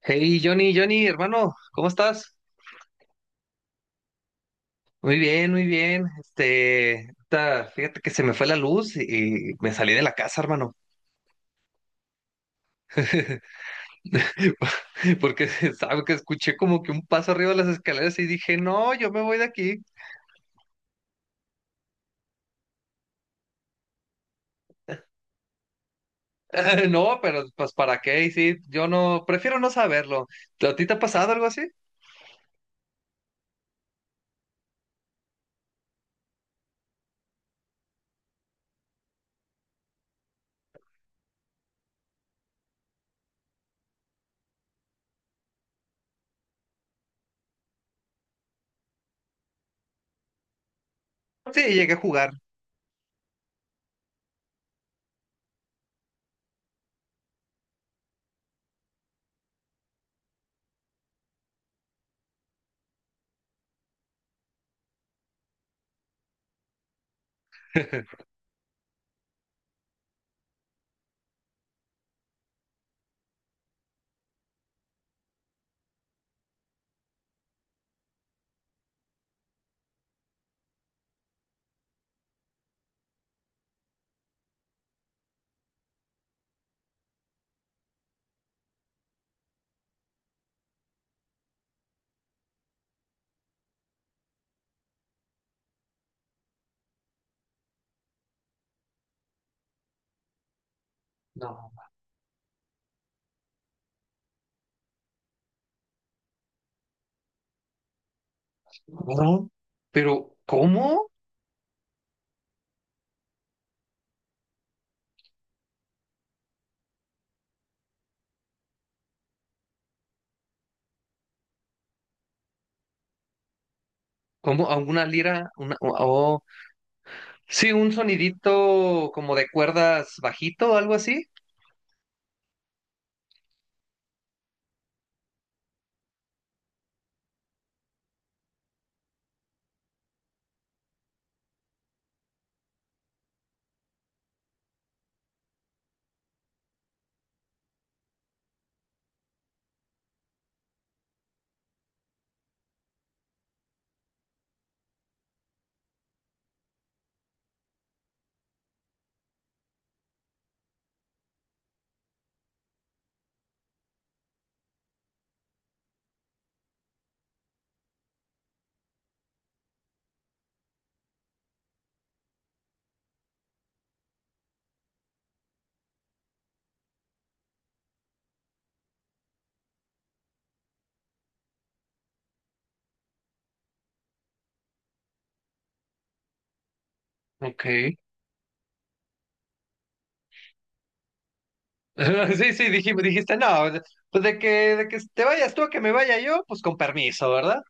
Hey, Johnny, Johnny, hermano, ¿cómo estás? Muy bien, muy bien. Ahorita, fíjate que se me fue la luz y me salí de la casa, hermano. Porque, ¿sabes? Que escuché como que un paso arriba de las escaleras y dije, no, yo me voy de aquí. No, pero pues, ¿para qué? Y sí, yo no, prefiero no saberlo. ¿A ti te ha pasado algo así? Sí, llegué a jugar. No. No, pero ¿cómo? ¿Cómo? ¿A una lira? Una, oh, sí, un sonidito como de cuerdas bajito, algo así. Ok. Sí, sí, dijiste, no, pues de de que te vayas tú a que me vaya yo, pues con permiso, ¿verdad?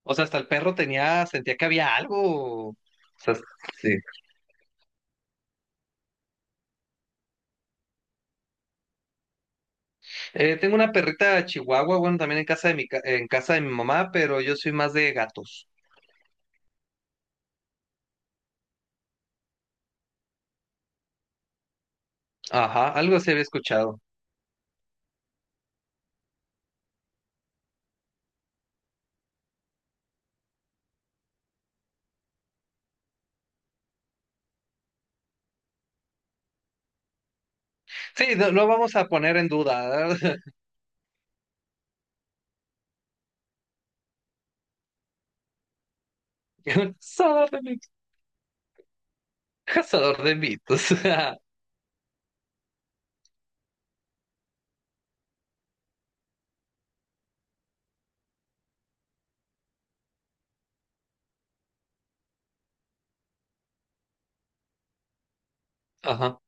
O sea, hasta el perro tenía, sentía que había algo. O sea, sí. Tengo una perrita chihuahua, bueno, también en casa de mi, en casa de mi mamá, pero yo soy más de gatos. Ajá, algo se había escuchado. Sí, no, no vamos a poner en duda. Cazador de mitos. Cazador de mitos. Ajá.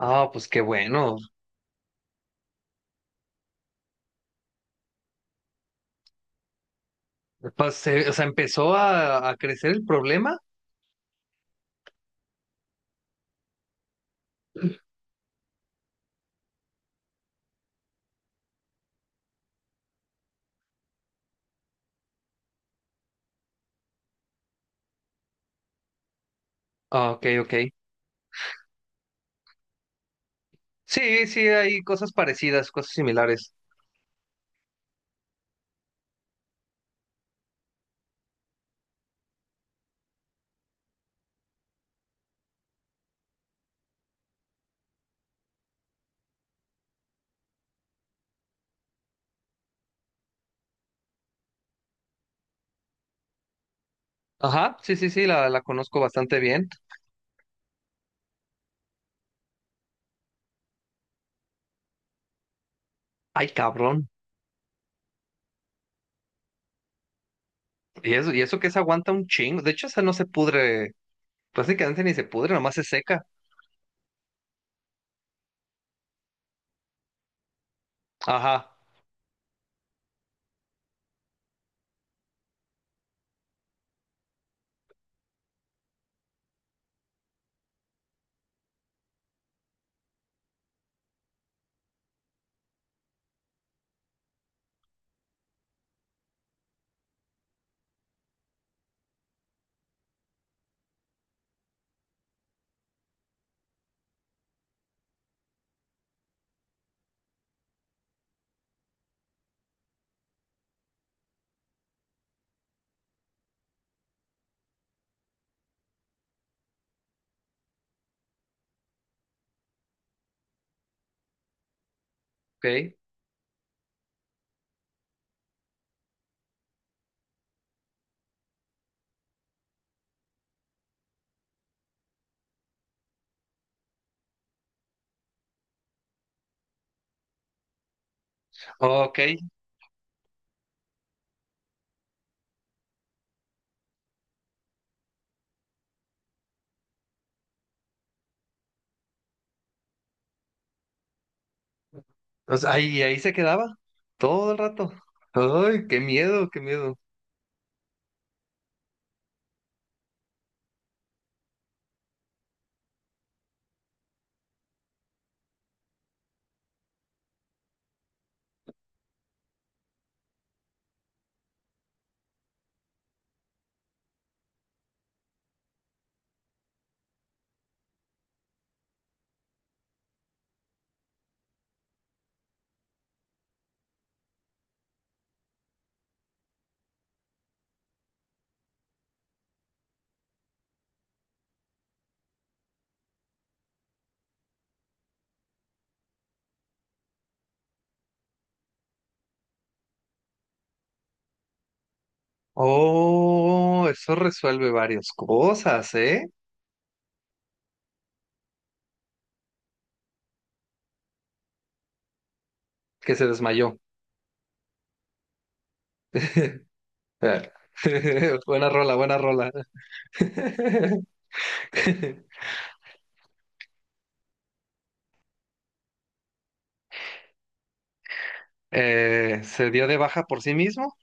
Ah, pues qué bueno. Pues, o sea, empezó a crecer el problema. Ah, ok, ok. Sí, sí, hay cosas parecidas, cosas similares. Ajá, sí, sí, sí, la conozco bastante bien. Ay, cabrón. Y eso que se aguanta un chingo. De hecho, esa no se pudre. Prácticamente ni se pudre, nomás se seca. Ajá, ok. Ok. O sea, ahí, ahí se quedaba todo el rato. Ay, qué miedo, qué miedo. Oh, eso resuelve varias cosas, ¿eh? Que se desmayó. Buena rola, buena rola. ¿Se dio de baja por sí mismo?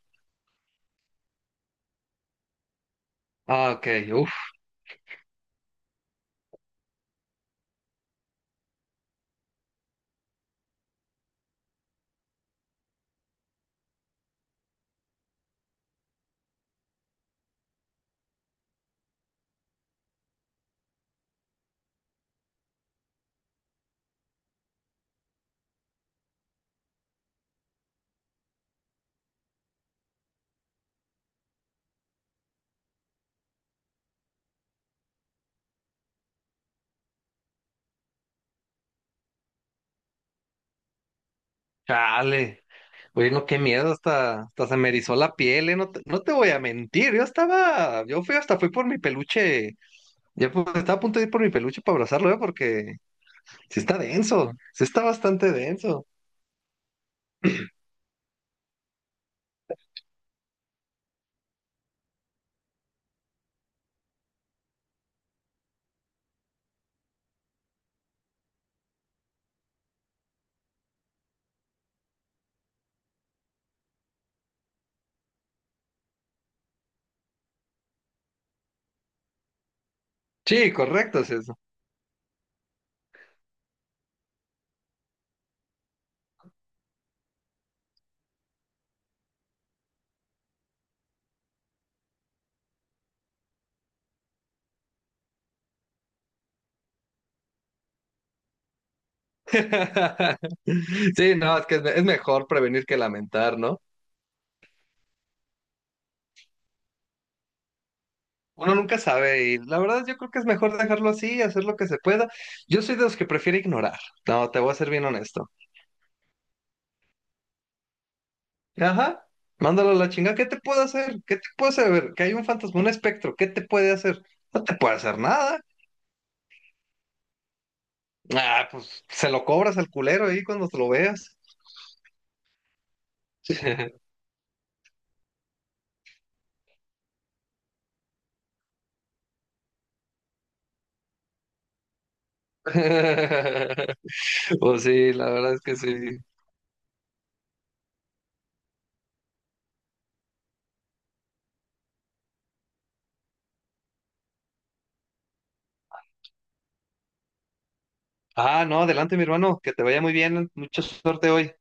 Ah, ok, uf, chale. Oye, no, qué miedo, hasta, hasta se me erizó la piel, ¿eh? No te, no te voy a mentir, yo estaba, yo fui hasta fui por mi peluche, estaba a punto de ir por mi peluche para abrazarlo, ¿eh? Porque sí está denso, sí está bastante denso. Sí, correcto, sí es eso. Sí, no, es que es, es mejor prevenir que lamentar, ¿no? Uno nunca sabe y la verdad yo creo que es mejor dejarlo así, hacer lo que se pueda. Yo soy de los que prefiere ignorar. No, te voy a ser bien honesto. Ajá, mándalo a la chingada. ¿Qué te puedo hacer? ¿Qué te puedo hacer? A ver, que hay un fantasma, un espectro. ¿Qué te puede hacer? No te puede hacer nada. Ah, pues se lo cobras al culero ahí cuando te lo veas. Pues sí, la verdad es que sí. Ah, no, adelante mi hermano, que te vaya muy bien, mucha suerte hoy.